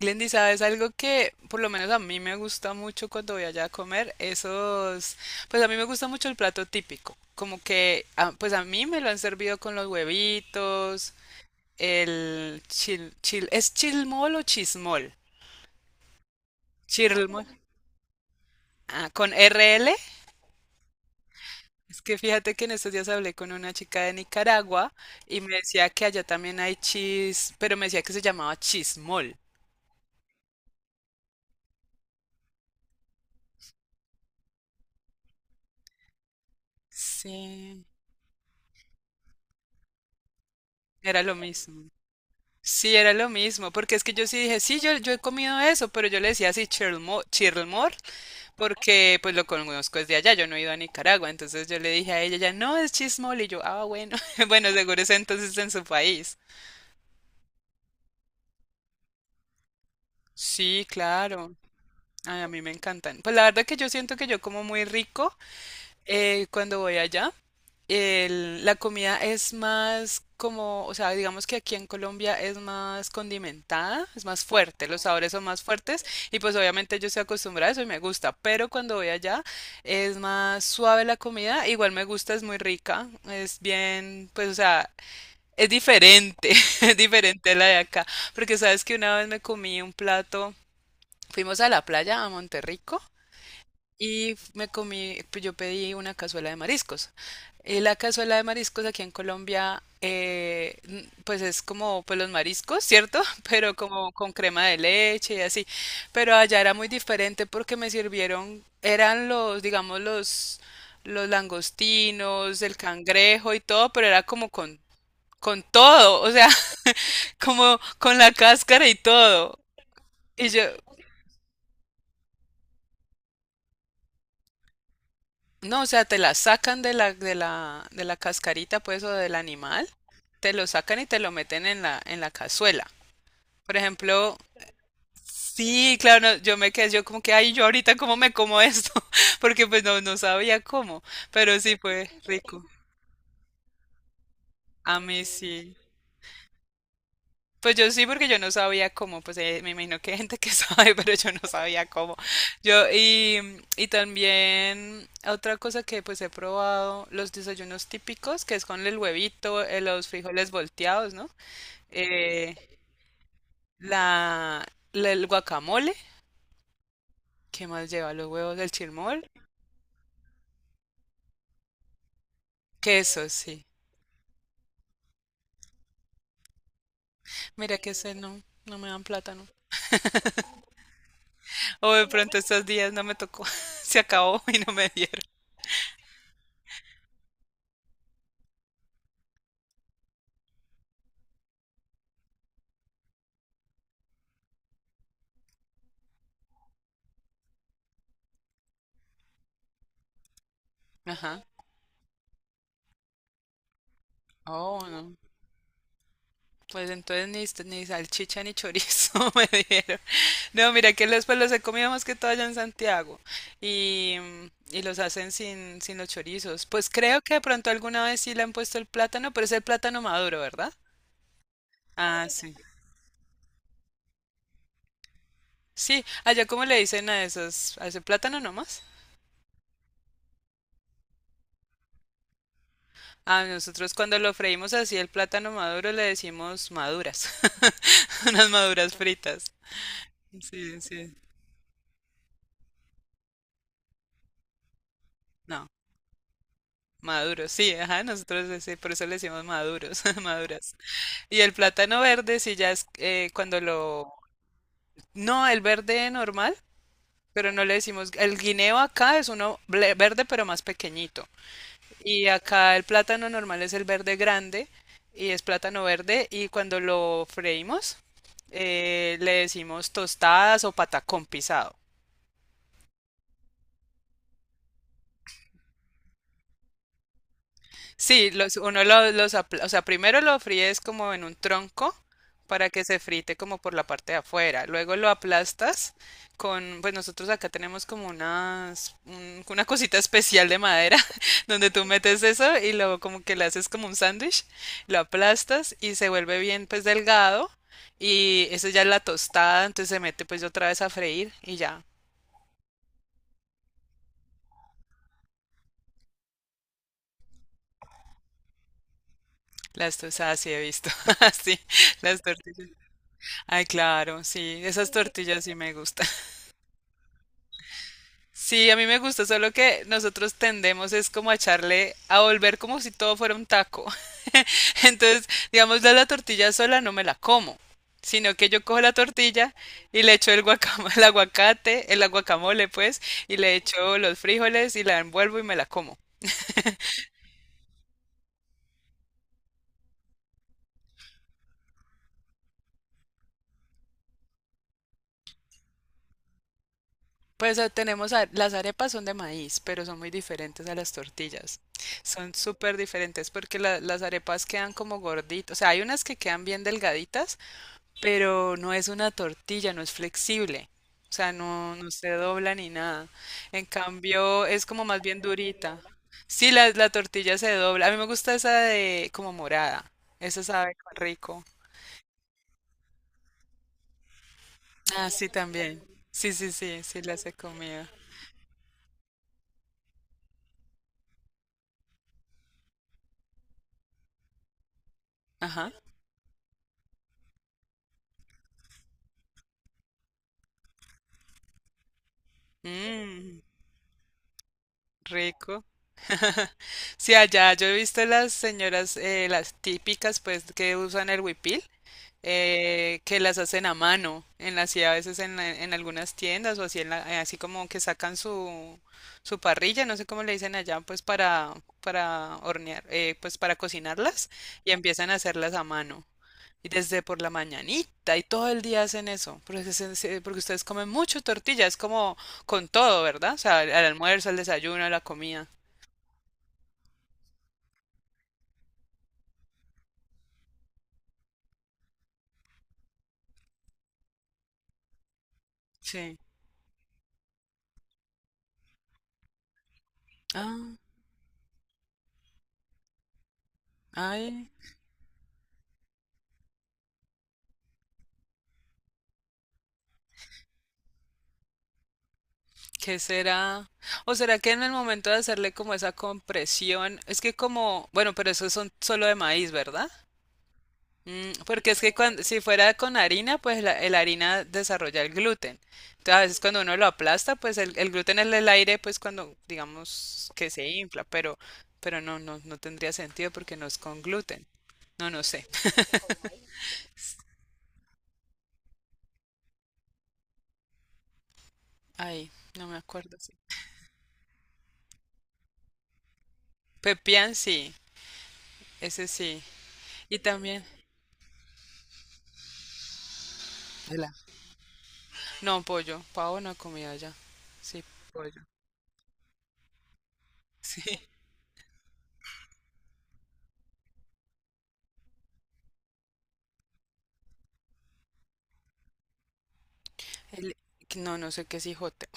Glendy, ¿sabes algo que por lo menos a mí me gusta mucho cuando voy allá a comer? Esos, pues a mí me gusta mucho el plato típico, como que, pues a mí me lo han servido con los huevitos, el chil, ¿es chilmol o chismol? Chirmol. Ah, con R L. Es que fíjate que en estos días hablé con una chica de Nicaragua y me decía que allá también hay chis, pero me decía que se llamaba chismol. Sí, era lo mismo. Sí, era lo mismo, porque es que yo sí dije, sí, yo he comido eso, pero yo le decía así, Chirlmore, Chirlmore, porque pues lo conozco desde allá, yo no he ido a Nicaragua, entonces yo le dije a ella, ya no, es chismol, y yo, ah, bueno, bueno, seguro es entonces en su país. Sí, claro. Ay, a mí me encantan. Pues la verdad que yo siento que yo como muy rico cuando voy allá, la comida es más como, o sea, digamos que aquí en Colombia es más condimentada, es más fuerte, los sabores son más fuertes y pues obviamente yo estoy acostumbrada a eso y me gusta, pero cuando voy allá es más suave la comida, igual me gusta, es muy rica, es bien, pues o sea, es diferente, es diferente a la de acá, porque sabes que una vez me comí un plato, fuimos a la playa, a Monterrico y me comí, pues yo pedí una cazuela de mariscos. La cazuela de mariscos aquí en Colombia, pues es como pues los mariscos, ¿cierto? Pero como con crema de leche y así. Pero allá era muy diferente porque me sirvieron, eran digamos, los langostinos, el cangrejo y todo, pero era como con todo, o sea, como con la cáscara y todo. Y yo, no, o sea, te la sacan de la cascarita, pues, o del animal, te lo sacan y te lo meten en la cazuela. Por ejemplo, sí, claro, no, yo me quedé, yo como que, ay, yo ahorita cómo me como esto, porque pues no, no sabía cómo, pero sí fue rico. A mí sí. Pues yo sí, porque yo no sabía cómo, pues me imagino que hay gente que sabe, pero yo no sabía cómo. Yo, y también otra cosa que pues he probado, los desayunos típicos, que es con el huevito, los frijoles volteados, ¿no? Eh, la, el guacamole, ¿qué más lleva? Los huevos, el chirmol, queso, sí. Mira que ese no, no me dan plátano. O de pronto estos días no me tocó, se acabó y no me dieron. Ajá. Oh, no. Pues entonces ni, ni salchicha ni chorizo me dieron. No, mira que los, pues los he comido más que todo allá en Santiago y, y los hacen sin, sin los chorizos. Pues creo que de pronto alguna vez sí le han puesto el plátano, pero es el plátano maduro, ¿verdad? Ah, sí. Sí, allá como le dicen a esos, a ese plátano nomás. A nosotros cuando lo freímos así el plátano maduro le decimos maduras, unas maduras fritas. Sí, sí. No. Maduros, sí, ajá, nosotros por eso le decimos maduros, maduras. Y el plátano verde, sí, ya es cuando lo... No, el verde normal, pero no le decimos... El guineo acá es uno verde, pero más pequeñito. Y acá el plátano normal es el verde grande y es plátano verde. Y cuando lo freímos, le decimos tostadas o patacón pisado. Sí, los, uno lo- los, apl- o sea, primero lo fríes como en un tronco para que se frite como por la parte de afuera. Luego lo aplastas con, pues nosotros acá tenemos como una cosita especial de madera donde tú metes eso y luego como que le haces como un sándwich, lo aplastas y se vuelve bien pues delgado y eso ya es la tostada, entonces se mete pues otra vez a freír y ya. Las tostadas sí he visto, así, las tortillas. Ay, claro, sí, esas tortillas sí me gustan. Sí, a mí me gusta, solo que nosotros tendemos es como a echarle, a volver como si todo fuera un taco. Entonces, digamos, la tortilla sola no me la como, sino que yo cojo la tortilla y le echo el aguacate, el guacamole pues, y le echo los frijoles y la envuelvo y me la como. Pues las arepas son de maíz, pero son muy diferentes a las tortillas. Son súper diferentes porque las arepas quedan como gorditas. O sea, hay unas que quedan bien delgaditas, pero no es una tortilla, no es flexible. O sea, no, no se dobla ni nada. En cambio, es como más bien durita. Sí, la tortilla se dobla. A mí me gusta esa de como morada. Esa sabe rico. Ah, sí, también. Sí, sí, sí, sí las he comido. Ajá. Mmm, rico. Sí, allá yo he visto las señoras, las típicas, pues, que usan el huipil, que las hacen a mano, en las, y a veces en, algunas tiendas o así, en así como que sacan su, su parrilla, no sé cómo le dicen allá, pues, para hornear, pues, para cocinarlas y empiezan a hacerlas a mano. Y desde por la mañanita y todo el día hacen eso, porque, porque ustedes comen mucho tortilla, es como con todo, ¿verdad? O sea, al almuerzo, al desayuno, a la comida. Sí. Ah. Ay, ¿qué será? ¿O será que en el momento de hacerle como esa compresión, es que como, bueno, pero esos son solo de maíz, ¿verdad? Mm, porque es que cuando, si fuera con harina, pues la, el harina desarrolla el gluten. Entonces, a veces cuando uno lo aplasta, pues el gluten es el aire, pues cuando digamos que se infla, pero no, no, no tendría sentido porque no es con gluten. No, no sé. Ay, no me acuerdo. Sí. Pepián, sí, ese sí. Y también. No, pollo. Pavo no comida ya. Sí, pollo. Sí. El- no, no sé qué es hijote.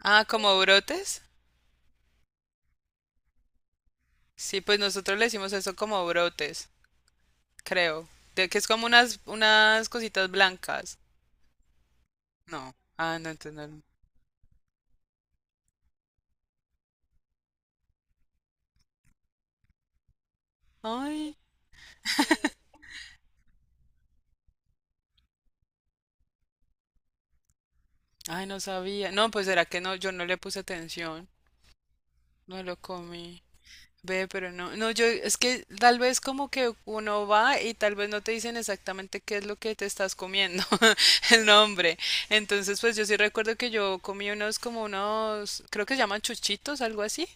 Ah, como brotes. Sí, pues nosotros le decimos eso como brotes, creo. De que es como unas, unas cositas blancas. No. Ah, no, entonces no. Ay, ay, no sabía. No, pues será que no, yo no le puse atención. No lo comí. Ve, pero no, no, yo es que tal vez como que uno va y tal vez no te dicen exactamente qué es lo que te estás comiendo, el nombre. Entonces, pues yo sí recuerdo que yo comí unos como unos, creo que se llaman chuchitos, algo así,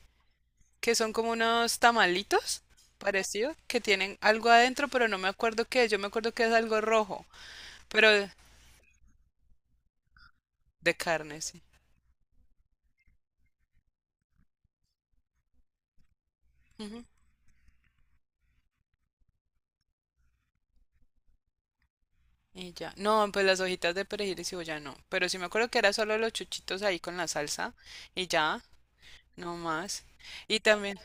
que son como unos tamalitos parecido, que tienen algo adentro, pero no me acuerdo qué, es, yo me acuerdo que es algo rojo, pero de, carne, sí. Ujú. Y ya, no, pues las hojitas de perejil y cebolla no, pero sí me acuerdo que era solo los chuchitos ahí con la salsa y ya. No más. Y también,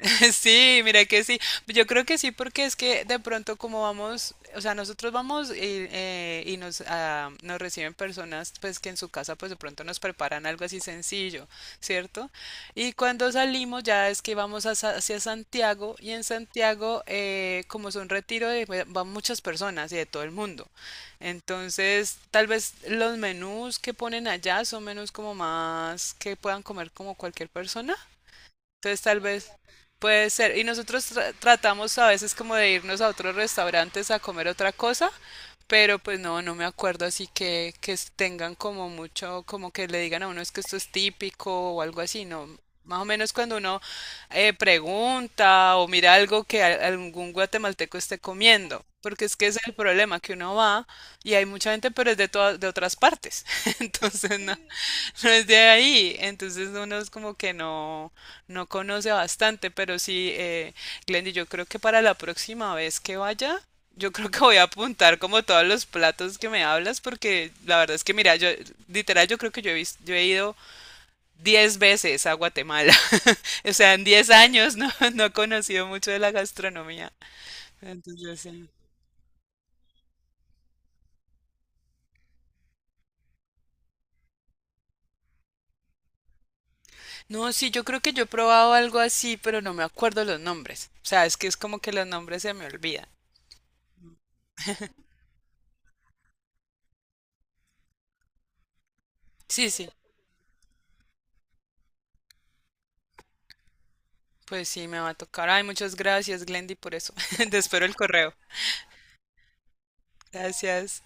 sí, mira que sí. Yo creo que sí, porque es que de pronto como vamos, o sea, nosotros vamos y, nos, ah, nos reciben personas, pues que en su casa, pues de pronto nos preparan algo así sencillo, ¿cierto? Y cuando salimos ya es que vamos a hacia Santiago y en Santiago, como es un retiro, van muchas personas y de todo el mundo. Entonces, tal vez los menús que ponen allá son menús como más que puedan comer como cualquier persona. Entonces tal vez puede ser. Y nosotros tratamos a veces como de irnos a otros restaurantes a comer otra cosa, pero pues no, no me acuerdo así que tengan como mucho, como que le digan a uno es que esto es típico o algo así, no. Más o menos cuando uno pregunta o mira algo que algún guatemalteco esté comiendo, porque es que ese es el problema, que uno va. Y hay mucha gente, pero es de todas, de otras partes. Entonces no, no es de ahí. Entonces uno es como que no, no conoce bastante. Pero sí, Glendy, yo creo que para la próxima vez que vaya, yo creo que voy a apuntar como todos los platos que me hablas, porque la verdad es que, mira, yo, literal, yo creo que yo he ido 10 veces a Guatemala. O sea, en 10 años no, no he conocido mucho de la gastronomía. Entonces, sí. No, sí, yo creo que yo he probado algo así, pero no me acuerdo los nombres. O sea, es que es como que los nombres se me olvidan. Sí, sí, pues sí, me va a tocar. Ay, muchas gracias, Glendy, por eso. Te espero el correo. Gracias.